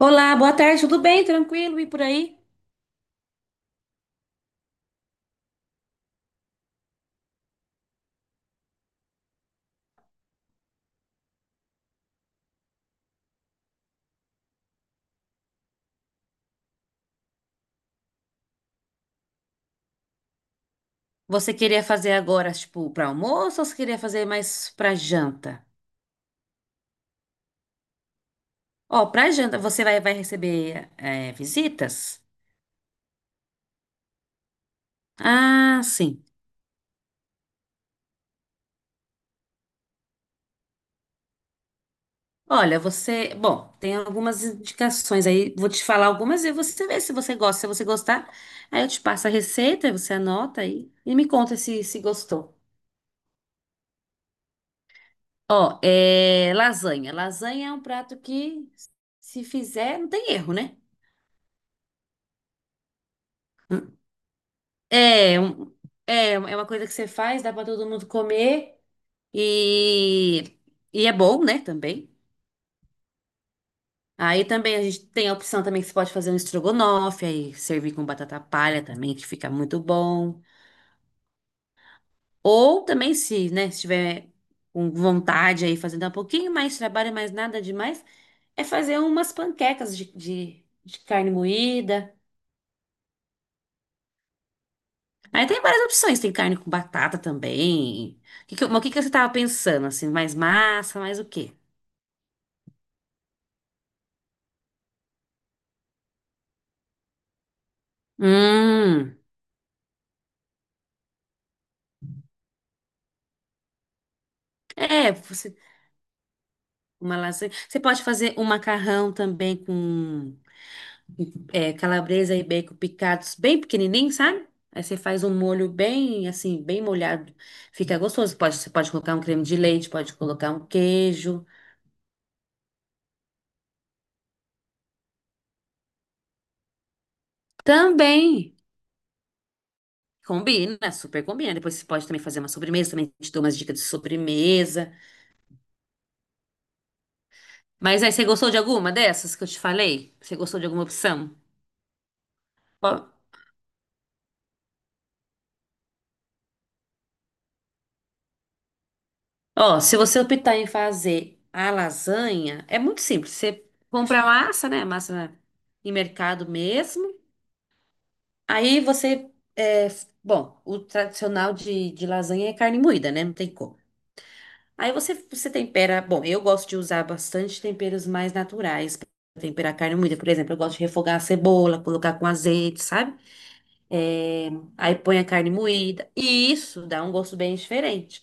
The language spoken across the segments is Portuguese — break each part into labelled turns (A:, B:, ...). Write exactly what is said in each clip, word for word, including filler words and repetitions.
A: Olá, boa tarde, tudo bem? Tranquilo e por aí? Você queria fazer agora, tipo, para almoço ou você queria fazer mais para janta? Ó, para janta, você vai, vai receber é, visitas? Ah, sim. Olha, você. Bom, tem algumas indicações aí, vou te falar algumas e você vê se você gosta. Se você gostar, aí eu te passo a receita, você anota aí e me conta se, se gostou. Ó, é lasanha. Lasanha é um prato que, se fizer, não tem erro, né? É, um- é, é uma coisa que você faz, dá pra todo mundo comer e, e é bom, né, também. Aí também a gente tem a opção também que você pode fazer um estrogonofe, aí servir com batata palha também, que fica muito bom. Ou também se, né, se tiver com vontade aí, fazendo um pouquinho mais de trabalho, mas nada demais, é fazer umas panquecas de, de, de carne moída. Aí tem várias opções, tem carne com batata também. O que que- mas o que que você tava pensando, assim, mais massa, mais o quê? Hum, é, você, uma lasanha. Você pode fazer um macarrão também com é, calabresa e bacon picados bem pequenininho, sabe? Aí você faz um molho bem, assim, bem molhado. Fica gostoso. Pode, você pode colocar um creme de leite, pode colocar um queijo. Também combina, super combina. Depois você pode também fazer uma sobremesa, também te dou umas dicas de sobremesa. Mas aí, você gostou de alguma dessas que eu te falei? Você gostou de alguma opção? Ó, se você optar em fazer a lasanha, é muito simples. Você compra a massa, né? Massa em mercado mesmo. Aí você, é, bom, o tradicional de, de lasanha é carne moída, né? Não tem como. Aí você, você tempera. Bom, eu gosto de usar bastante temperos mais naturais para temperar carne moída. Por exemplo, eu gosto de refogar a cebola, colocar com azeite, sabe? É, aí põe a carne moída. E isso dá um gosto bem diferente.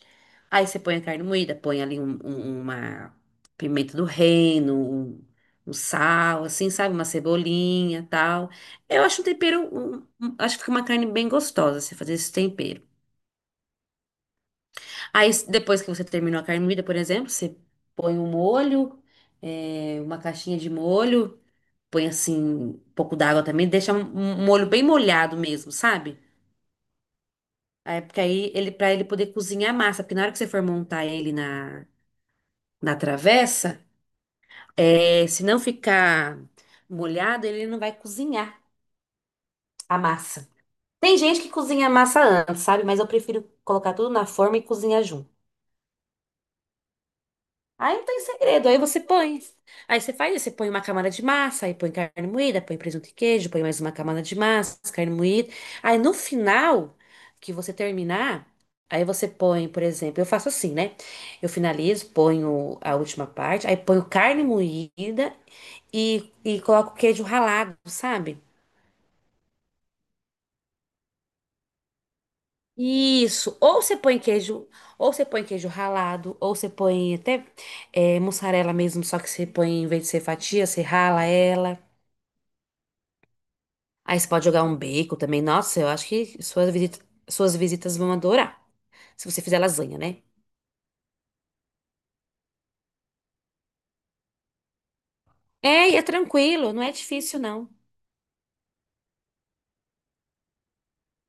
A: Aí você põe a carne moída, põe ali um- um- uma pimenta do reino, um, um sal, assim, sabe? Uma cebolinha, tal. Eu acho um tempero, um- um- acho que fica uma carne bem gostosa você fazer esse tempero. Aí depois que você terminou a carne moída, por exemplo, você põe um molho, é, uma caixinha de molho, põe assim um pouco d'água também, deixa um um molho bem molhado mesmo, sabe? Aí, porque aí ele para ele poder cozinhar a massa, porque na hora que você for montar ele na, na travessa, é, se não ficar molhado, ele não vai cozinhar a massa. Tem gente que cozinha a massa antes, sabe? Mas eu prefiro colocar tudo na forma e cozinhar junto. Aí não tem segredo, aí você põe. Aí você faz, isso, você põe uma camada de massa, aí põe carne moída, põe presunto e queijo, põe mais uma camada de massa, carne moída. Aí no final, que você terminar, aí você põe, por exemplo, eu faço assim, né? Eu finalizo, ponho a última parte, aí ponho carne moída e, e coloco queijo ralado, sabe? Isso, ou você põe queijo, ou você põe queijo ralado, ou você põe até eh, mussarela mesmo, só que você põe, em vez de ser fatia, você rala ela. Aí você pode jogar um bacon também. Nossa, eu acho que suas visitas, suas visitas vão adorar. Se você fizer lasanha, né? É, e é tranquilo, não é difícil, não.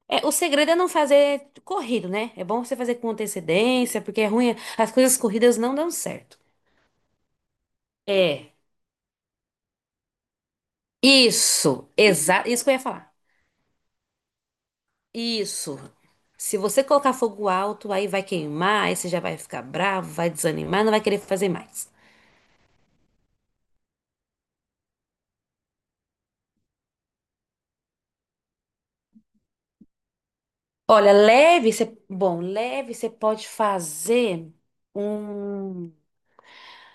A: É, o segredo é não fazer corrido, né? É bom você fazer com antecedência, porque é ruim. As coisas corridas não dão certo. É. Isso, exato. Isso que eu ia falar. Isso. Se você colocar fogo alto, aí vai queimar, aí você já vai ficar bravo, vai desanimar, não vai querer fazer mais. Olha, leve, você, bom, leve você pode fazer um,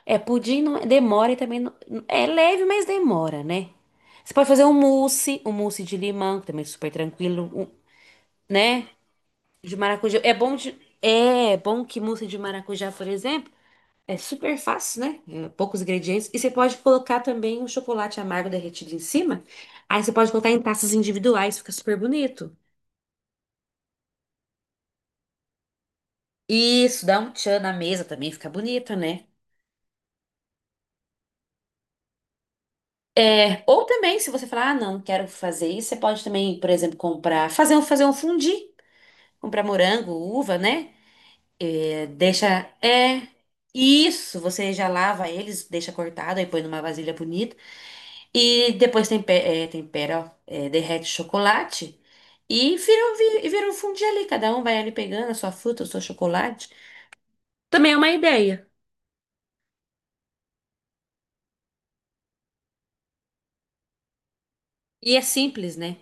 A: é pudim não é, demora e também não- é leve, mas demora, né? Você pode fazer um mousse, um mousse de limão, que também é super tranquilo, um- né? De maracujá, é bom de, é bom que mousse de maracujá, por exemplo, é super fácil, né? É, poucos ingredientes e você pode colocar também um chocolate amargo derretido em cima. Aí você pode colocar em taças individuais, fica super bonito. Isso, dá um tchan na mesa também, fica bonito, né? É, ou também, se você falar, ah, não, quero fazer isso, você pode também, por exemplo, comprar, fazer um, fazer um fundi, comprar morango, uva, né? É, deixa, é, isso, você já lava eles, deixa cortado, aí põe numa vasilha bonita, e depois tempera, é, tempera, ó, é, derrete o chocolate, e vira, um vi- e vira um fundi ali, cada um vai ali pegando a sua fruta, o seu chocolate. Também é uma ideia. E é simples, né?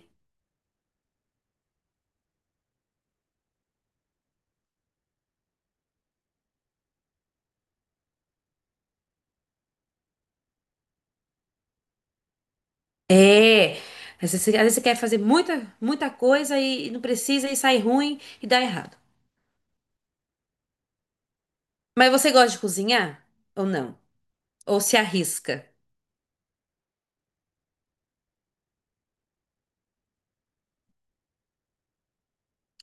A: É, às vezes, você às vezes você quer fazer muita, muita coisa e, e não precisa e sai ruim e dá errado. Mas você gosta de cozinhar ou não? Ou se arrisca?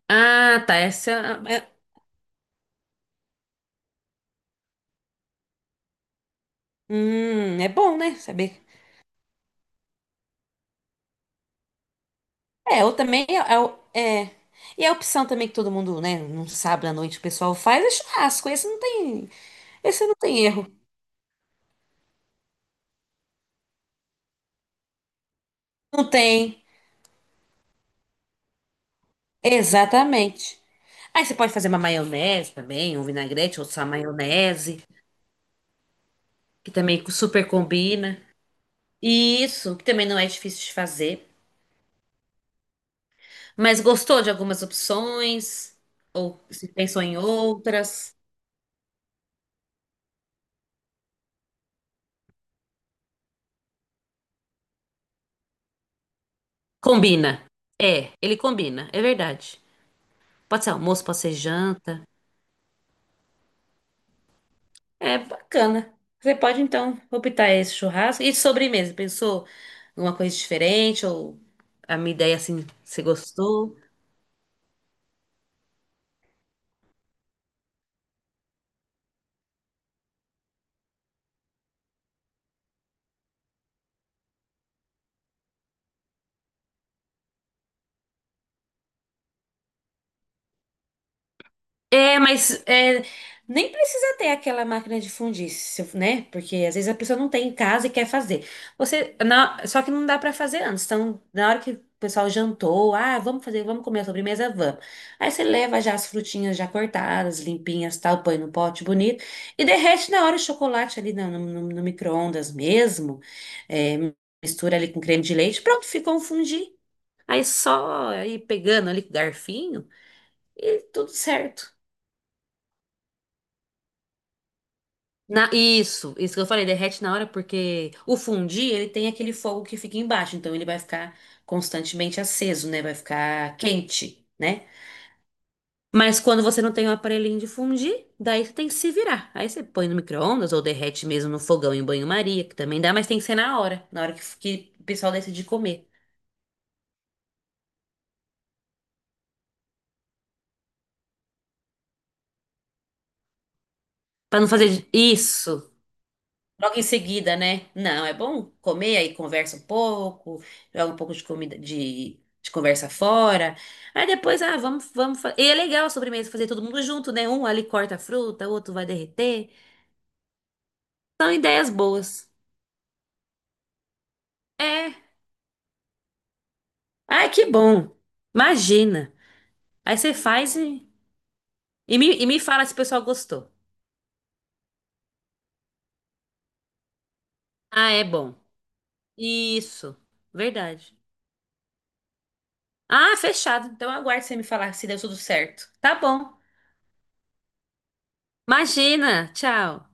A: Ah, tá. Essa é, é, hum, é bom, né? Saber. É, ou também é, é, o- é. E é a opção também que todo mundo, né, num sábado à noite o pessoal faz é churrasco. Esse não tem, esse não tem erro. Não tem. Exatamente. Aí você pode fazer uma maionese também, um vinagrete ou só maionese, que também super combina. E isso, que também não é difícil de fazer. Mas gostou de algumas opções? Ou se pensou em outras? Combina. É, ele combina, é verdade. Pode ser almoço, pode ser janta. É bacana. Você pode então optar esse churrasco. E de sobremesa, pensou em uma coisa diferente? Ou a minha ideia assim, você gostou? É, mas é, nem precisa ter aquela máquina de fundir, se eu- né? Porque às vezes a pessoa não tem em casa e quer fazer. Você, na- só que não dá pra fazer antes. Então, na hora que o pessoal jantou, ah, vamos fazer, vamos comer a sobremesa, vamos. Aí você leva já as frutinhas já cortadas, limpinhas, tal, põe no pote bonito e derrete na hora o chocolate ali no, no, no micro-ondas mesmo. É, mistura ali com creme de leite, pronto, ficou um fondue. Aí só ir pegando ali com o garfinho e tudo certo. Na- isso, isso que eu falei, derrete na hora porque o fundi, ele tem aquele fogo que fica embaixo, então ele vai ficar constantemente aceso, né? Vai ficar quente, né? Mas quando você não tem um aparelhinho de fundir, daí você tem que se virar. Aí você põe no micro-ondas ou derrete mesmo no fogão em banho-maria, que também dá, mas tem que ser na hora, na hora que, que o pessoal decide comer. Pra não fazer isso. Logo em seguida, né? Não, é bom comer, aí conversa um pouco, joga um pouco de comida, de, de conversa fora. Aí depois, ah, vamos, vamos. fa- E é legal a sobremesa fazer todo mundo junto, né? Um ali corta a fruta, o outro vai derreter. São ideias boas. É. Ai, que bom. Imagina. Aí você faz e, e me, e me fala se o pessoal gostou. Ah, é bom. Isso. Verdade. Ah, fechado. Então eu aguardo você me falar se deu tudo certo. Tá bom. Imagina. Tchau.